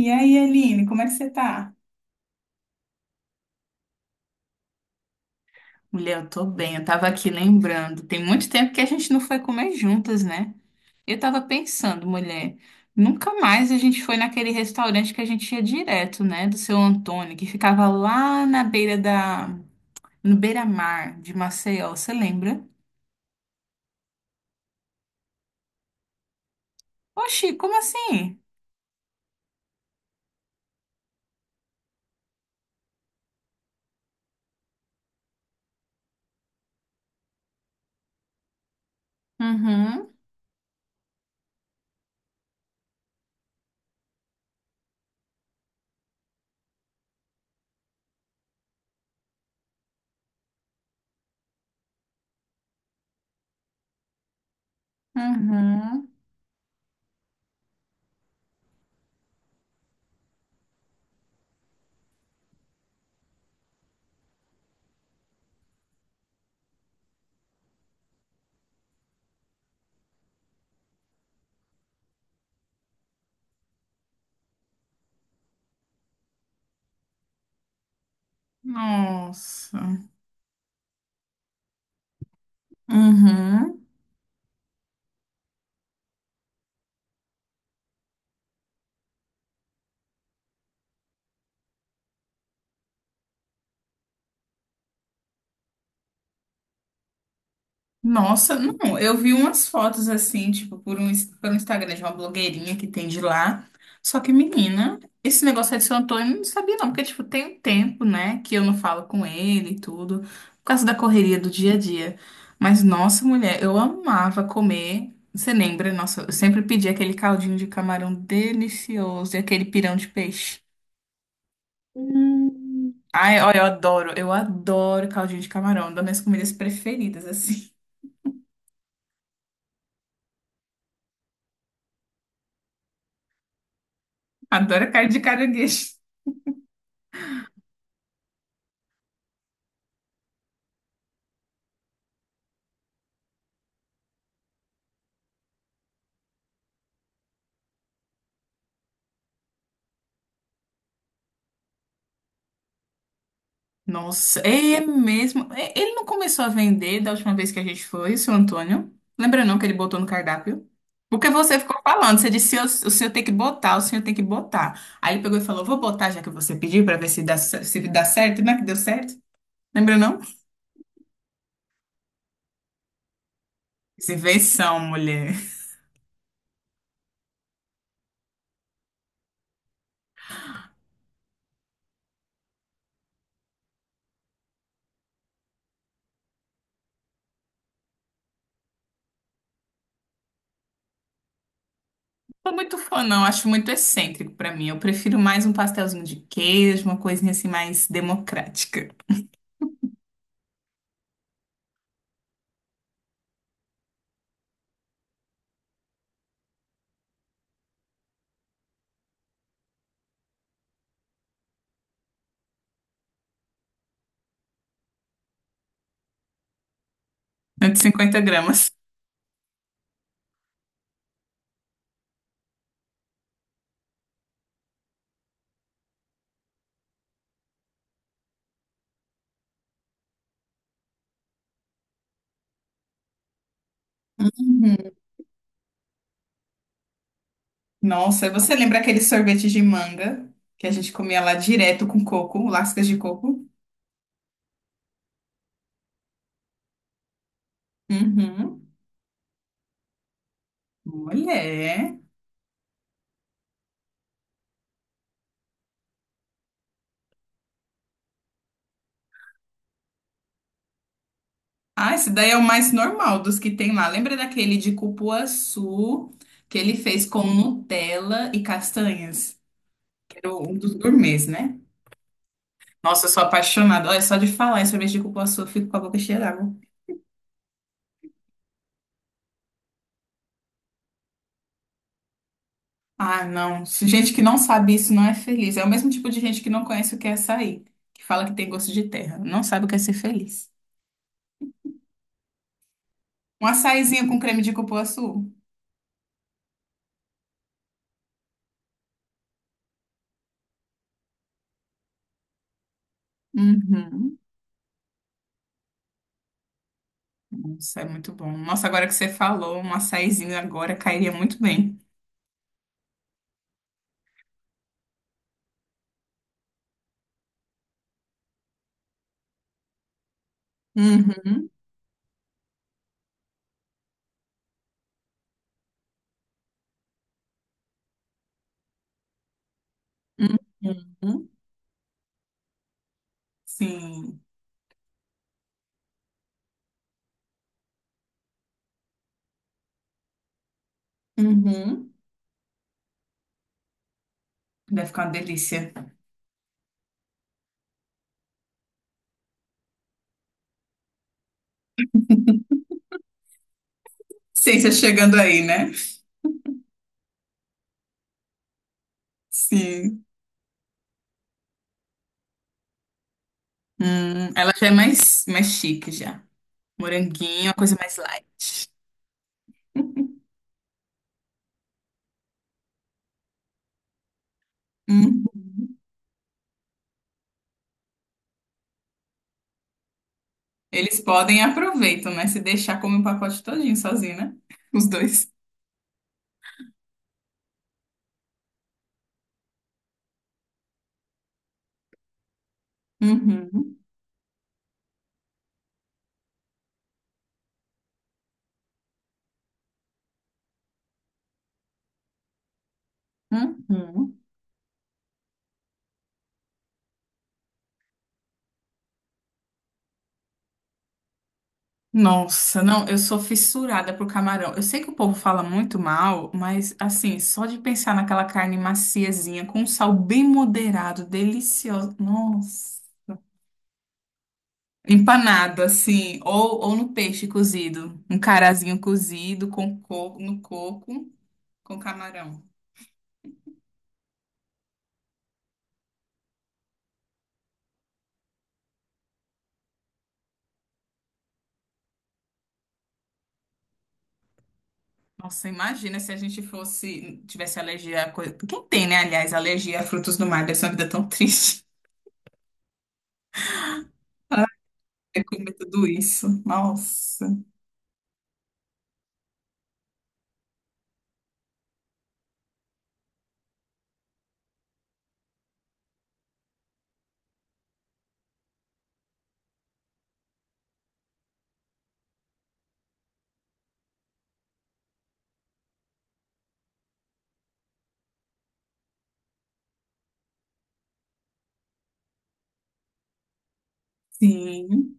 E aí, Aline, como é que você tá? Mulher, eu tô bem. Eu tava aqui lembrando. Tem muito tempo que a gente não foi comer juntas, né? Eu tava pensando, mulher, nunca mais a gente foi naquele restaurante que a gente ia direto, né? Do seu Antônio, que ficava lá na beira da. No beira-mar de Maceió, você lembra? Oxi, como assim? Uhum, uhum. Nossa. Uhum. Nossa, não, eu vi umas fotos assim, tipo, pelo Instagram de uma blogueirinha que tem de lá. Só que, menina, esse negócio aí de São Antônio eu não sabia não, porque, tipo, tem um tempo, né, que eu não falo com ele e tudo, por causa da correria do dia a dia. Mas, nossa, mulher, eu amava comer. Você lembra? Nossa, eu sempre pedi aquele caldinho de camarão delicioso e aquele pirão de peixe. Ai, olha, eu adoro caldinho de camarão, é uma das minhas comidas preferidas, assim. Adoro carne de caranguejo. Nossa, é mesmo. É, ele não começou a vender da última vez que a gente foi, o seu Antônio? Lembra não que ele botou no cardápio? Porque você ficou falando, você disse, "Eu- o senhor tem que botar, o senhor tem que botar." Aí ele pegou e falou, vou botar já que você pediu pra ver se dá, se dá certo, né? Que deu certo. Lembra não? Isso é invenção, mulher. Não sou muito fã, não. Acho muito excêntrico pra mim. Eu prefiro mais um pastelzinho de queijo, uma coisinha assim mais democrática. 150 gramas. Uhum. Nossa, você lembra aquele sorvete de manga que a gente comia lá direto com coco, lascas de coco? Uhum. Mulher. Ah, esse daí é o mais normal dos que tem lá. Lembra daquele de cupuaçu que ele fez com Nutella e castanhas? Que era um dos gourmets, né? Nossa, eu sou apaixonada. Olha, só de falar em sorvete de cupuaçu, eu fico com a boca cheia d'água. Ah, não. Se gente que não sabe isso não é feliz. É o mesmo tipo de gente que não conhece o que é açaí, que fala que tem gosto de terra. Não sabe o que é ser feliz. Um açaizinho com creme de cupuaçu. Uhum. Nossa, é muito bom. Nossa, agora que você falou, um açaizinho agora cairia muito bem. Uhum. Uhum. Sim. Uhum. Deve ficar uma delícia. Ciência chegando aí, né? Sim. Ela já é mais chique já. Moranguinho, uma coisa mais light. Uhum. Eles podem e aproveitam, né? Se deixar, come o pacote todinho sozinho, né? Os dois. Uhum. Uhum. Nossa, não, eu sou fissurada por camarão. Eu sei que o povo fala muito mal, mas assim, só de pensar naquela carne maciezinha, com um sal bem moderado, deliciosa. Nossa. Empanado, assim, ou no peixe cozido. Um carazinho cozido com coco, no coco, com camarão. Nossa, imagina se a gente fosse, tivesse alergia a coisa. Quem tem, né, aliás, alergia a frutos do mar? Deve ser uma vida tão triste. Ai, comer tudo isso. Nossa. Sim.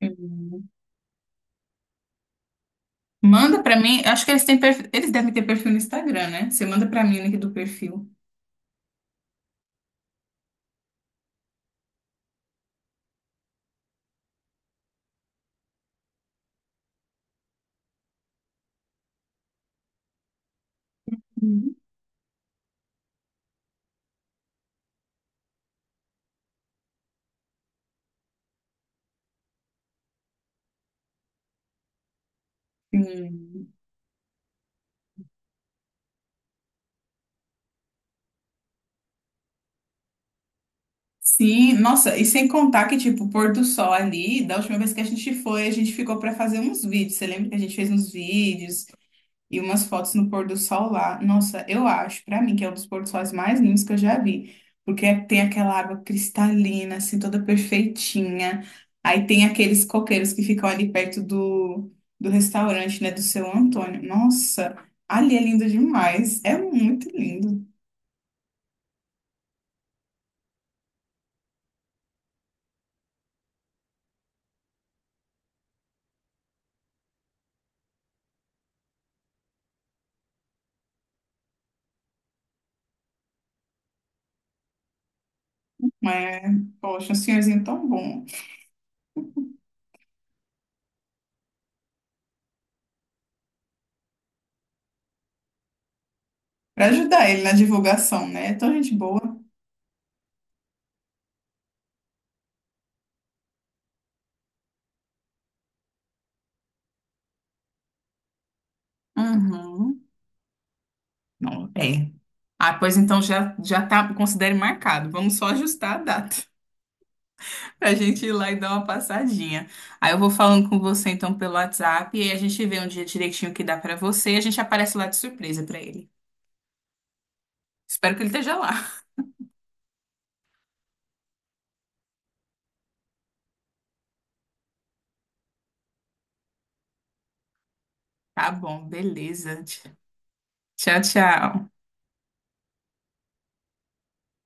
Hum. Manda pra mim. Acho que eles têm perfil, eles devem ter perfil no Instagram, né? Você manda pra mim o link do perfil. Uhum. Sim. Sim, nossa, e sem contar que, tipo, o pôr do sol ali, da última vez que a gente foi, a gente ficou pra fazer uns vídeos. Você lembra que a gente fez uns vídeos? E umas fotos no pôr do sol lá. Nossa, eu acho, pra mim, que é um dos pôr do sóis mais lindos que eu já vi. Porque é, tem aquela água cristalina, assim, toda perfeitinha. Aí tem aqueles coqueiros que ficam ali perto do, restaurante, né, do seu Antônio. Nossa, ali é lindo demais. É muito lindo. Mas, poxa, um senhorzinho tão bom. Pra ajudar ele na divulgação, né? É tão gente boa. Uhum. Não, é. Ah, pois então já tá, considere marcado. Vamos só ajustar a data. Pra gente ir lá e dar uma passadinha. Aí eu vou falando com você então pelo WhatsApp e a gente vê um dia direitinho que dá pra você e a gente aparece lá de surpresa pra ele. Espero que ele esteja lá. Tá bom, beleza. Tchau, tchau.